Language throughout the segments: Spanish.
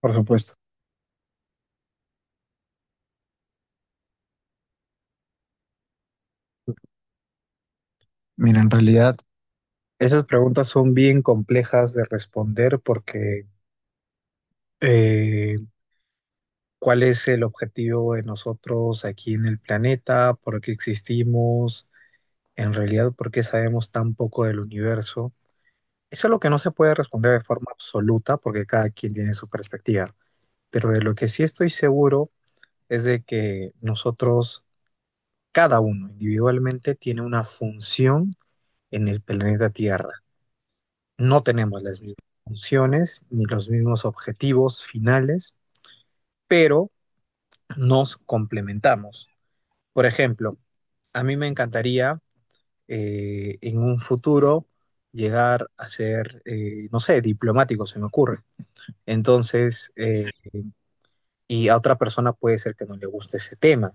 Por supuesto. Mira, en realidad esas preguntas son bien complejas de responder porque eh, ¿cuál es el objetivo de nosotros aquí en el planeta? ¿Por qué existimos? En realidad, ¿por qué sabemos tan poco del universo? Eso es lo que no se puede responder de forma absoluta porque cada quien tiene su perspectiva. Pero de lo que sí estoy seguro es de que nosotros, cada uno individualmente, tiene una función en el planeta Tierra. No tenemos las mismas funciones ni los mismos objetivos finales, pero nos complementamos. Por ejemplo, a mí me encantaría en un futuro llegar a ser, no sé, diplomático, se me ocurre. Entonces, y a otra persona puede ser que no le guste ese tema.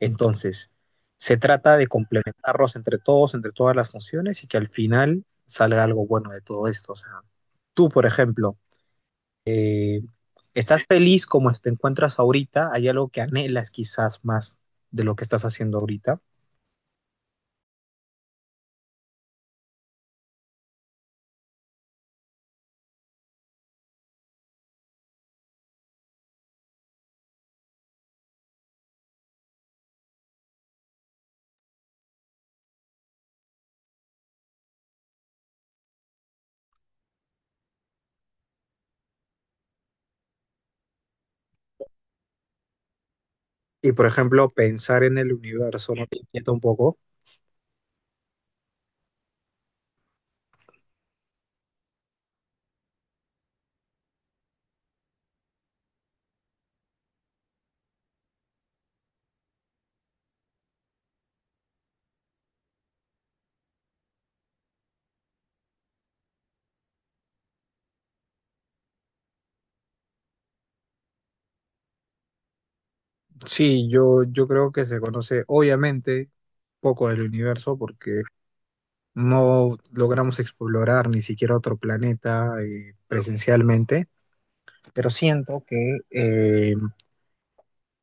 Entonces, se trata de complementarlos entre todos, entre todas las funciones y que al final salga algo bueno de todo esto. O sea, tú, por ejemplo, eh, ¿estás feliz como te encuentras ahorita? ¿Hay algo que anhelas quizás más de lo que estás haciendo ahorita? Y por ejemplo, pensar en el universo, ¿no te inquieta un poco? Sí, yo creo que se conoce obviamente poco del universo porque no logramos explorar ni siquiera otro planeta presencialmente, pero siento que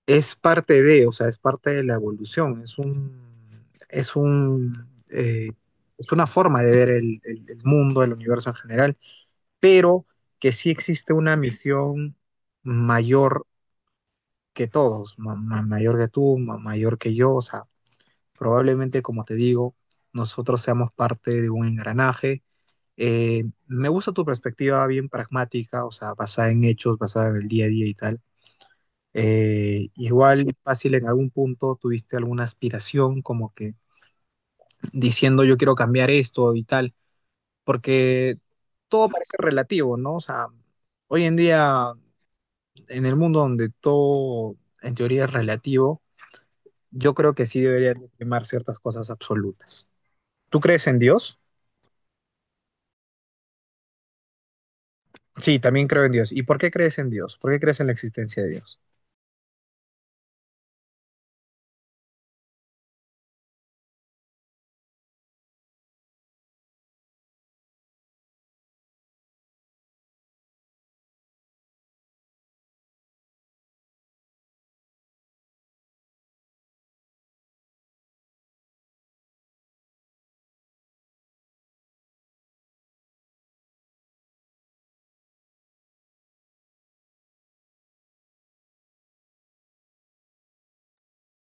es parte de, o sea, es parte de la evolución, es un, eh, es una forma de ver el mundo, el universo en general, pero que sí existe una misión mayor que todos, mayor que tú, mayor que yo, o sea, probablemente, como te digo, nosotros seamos parte de un engranaje. Me gusta tu perspectiva bien pragmática, o sea, basada en hechos, basada en el día a día y tal, igual fácil en algún punto tuviste alguna aspiración como que diciendo yo quiero cambiar esto y tal, porque todo parece relativo, ¿no? O sea, hoy en día en el mundo donde todo en teoría es relativo, yo creo que sí deberían de primar ciertas cosas absolutas. ¿Tú crees en Dios? Sí, también creo en Dios. ¿Y por qué crees en Dios? ¿Por qué crees en la existencia de Dios?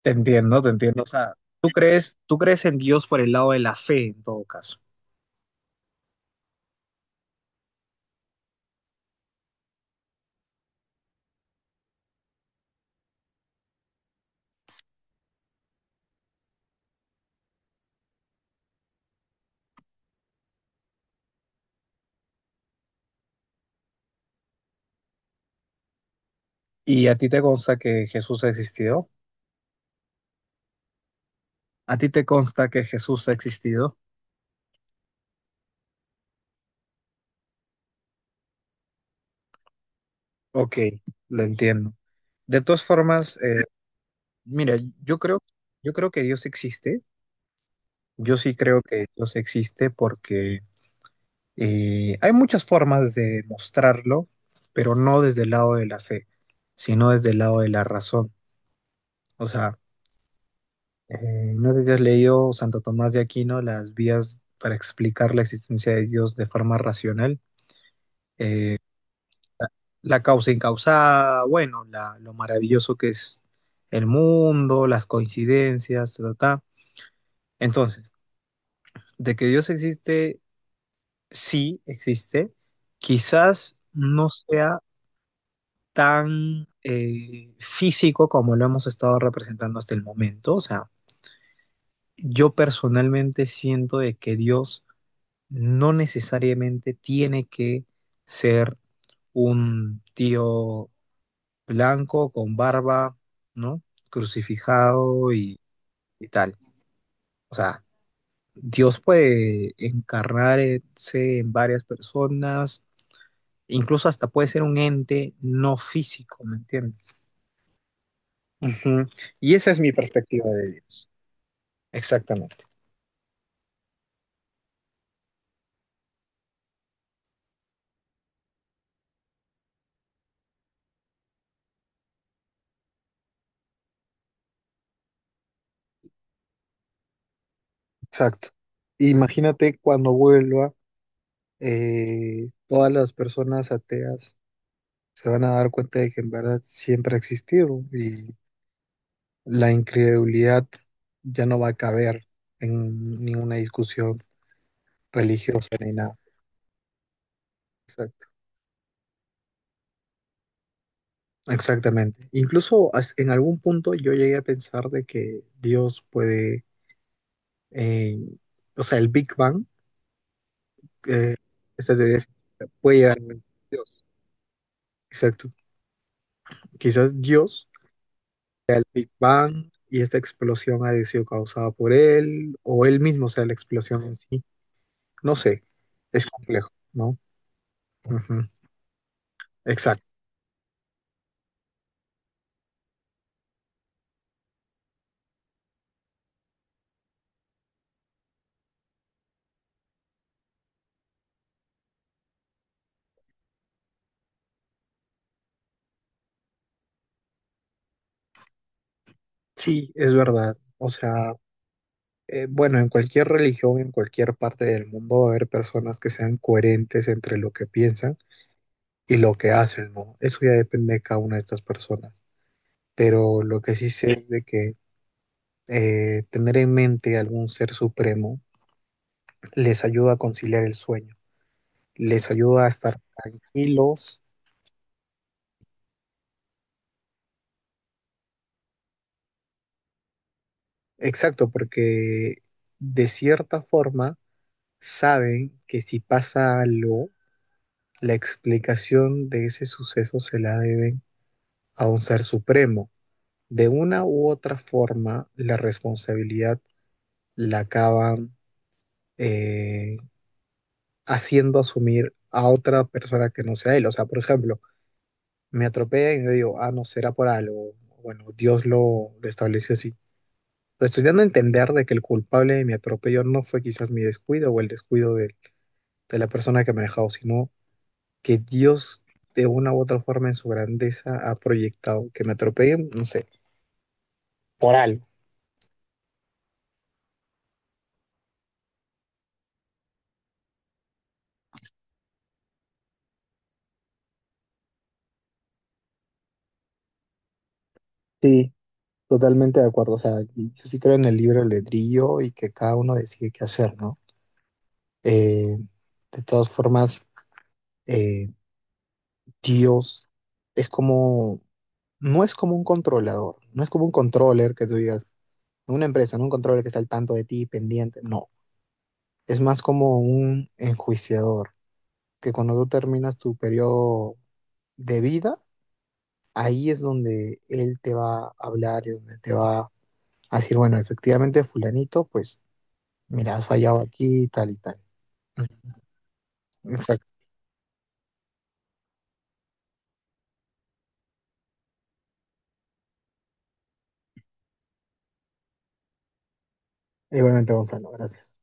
Te entiendo, te entiendo. O sea, tú crees en Dios por el lado de la fe en todo caso. ¿Y a ti te consta que Jesús existió? ¿A ti te consta que Jesús ha existido? Ok, lo entiendo. De todas formas, mira, yo creo, yo creo que Dios existe. Yo sí creo que Dios existe porque hay muchas formas de mostrarlo, pero no desde el lado de la fe, sino desde el lado de la razón. O sea, no sé si has leído Santo Tomás de Aquino, las vías para explicar la existencia de Dios de forma racional. Eh, la causa incausada, bueno, lo maravilloso que es el mundo, las coincidencias, ta, ta, ta. Entonces, de que Dios existe, sí existe, quizás no sea tan físico como lo hemos estado representando hasta el momento. O sea, yo personalmente siento de que Dios no necesariamente tiene que ser un tío blanco, con barba, ¿no? Crucificado y tal. O sea, Dios puede encarnarse en varias personas, incluso hasta puede ser un ente no físico, ¿me entiendes? Ujú. Y esa es mi perspectiva de Dios. Exactamente. Exacto. Imagínate cuando vuelva, todas las personas ateas se van a dar cuenta de que en verdad siempre ha existido y la incredulidad ya no va a caber en ninguna discusión religiosa ni nada. Exacto. Exactamente. Incluso en algún punto yo llegué a pensar de que Dios puede, eh, o sea, el Big Bang, eh, esta teoría científica, puede llegar a Dios. Exacto. Quizás Dios, el Big Bang y esta explosión haya sido causada por él o él mismo, o sea, la explosión en sí. No sé, es complejo, ¿no? Ujú. Exacto. Sí, es verdad. O sea, bueno, en cualquier religión, en cualquier parte del mundo va a haber personas que sean coherentes entre lo que piensan y lo que hacen, ¿no? Eso ya depende de cada una de estas personas. Pero lo que sí sé es de que tener en mente algún ser supremo les ayuda a conciliar el sueño, les ayuda a estar tranquilos. Exacto, porque de cierta forma saben que si pasa algo, la explicación de ese suceso se la deben a un ser supremo. De una u otra forma, la responsabilidad la acaban eh, haciendo asumir a otra persona que no sea él. O sea, por ejemplo, me atropellan y yo digo, ah, no, será por algo. Bueno, Dios lo estableció así. Pues estoy dando a entender de que el culpable de mi atropello no fue quizás mi descuido o el descuido de la persona que me ha manejado, sino que Dios de una u otra forma en su grandeza ha proyectado. Que me atropellen, no sé, por algo. Sí, totalmente de acuerdo. O sea, yo sí creo en el libre albedrío y que cada uno decide qué hacer, ¿no? Eh, de todas formas, eh, Dios es como, no es como un controlador, no es como un controller que tú digas, una empresa, no un controller que está al tanto de ti, pendiente, no. Es más como un enjuiciador, que cuando tú terminas tu periodo de vida, ahí es donde él te va a hablar y donde te va a decir, bueno, efectivamente, fulanito, pues mira, has fallado aquí y tal y tal. Exacto. Igualmente, Gonzalo, gracias.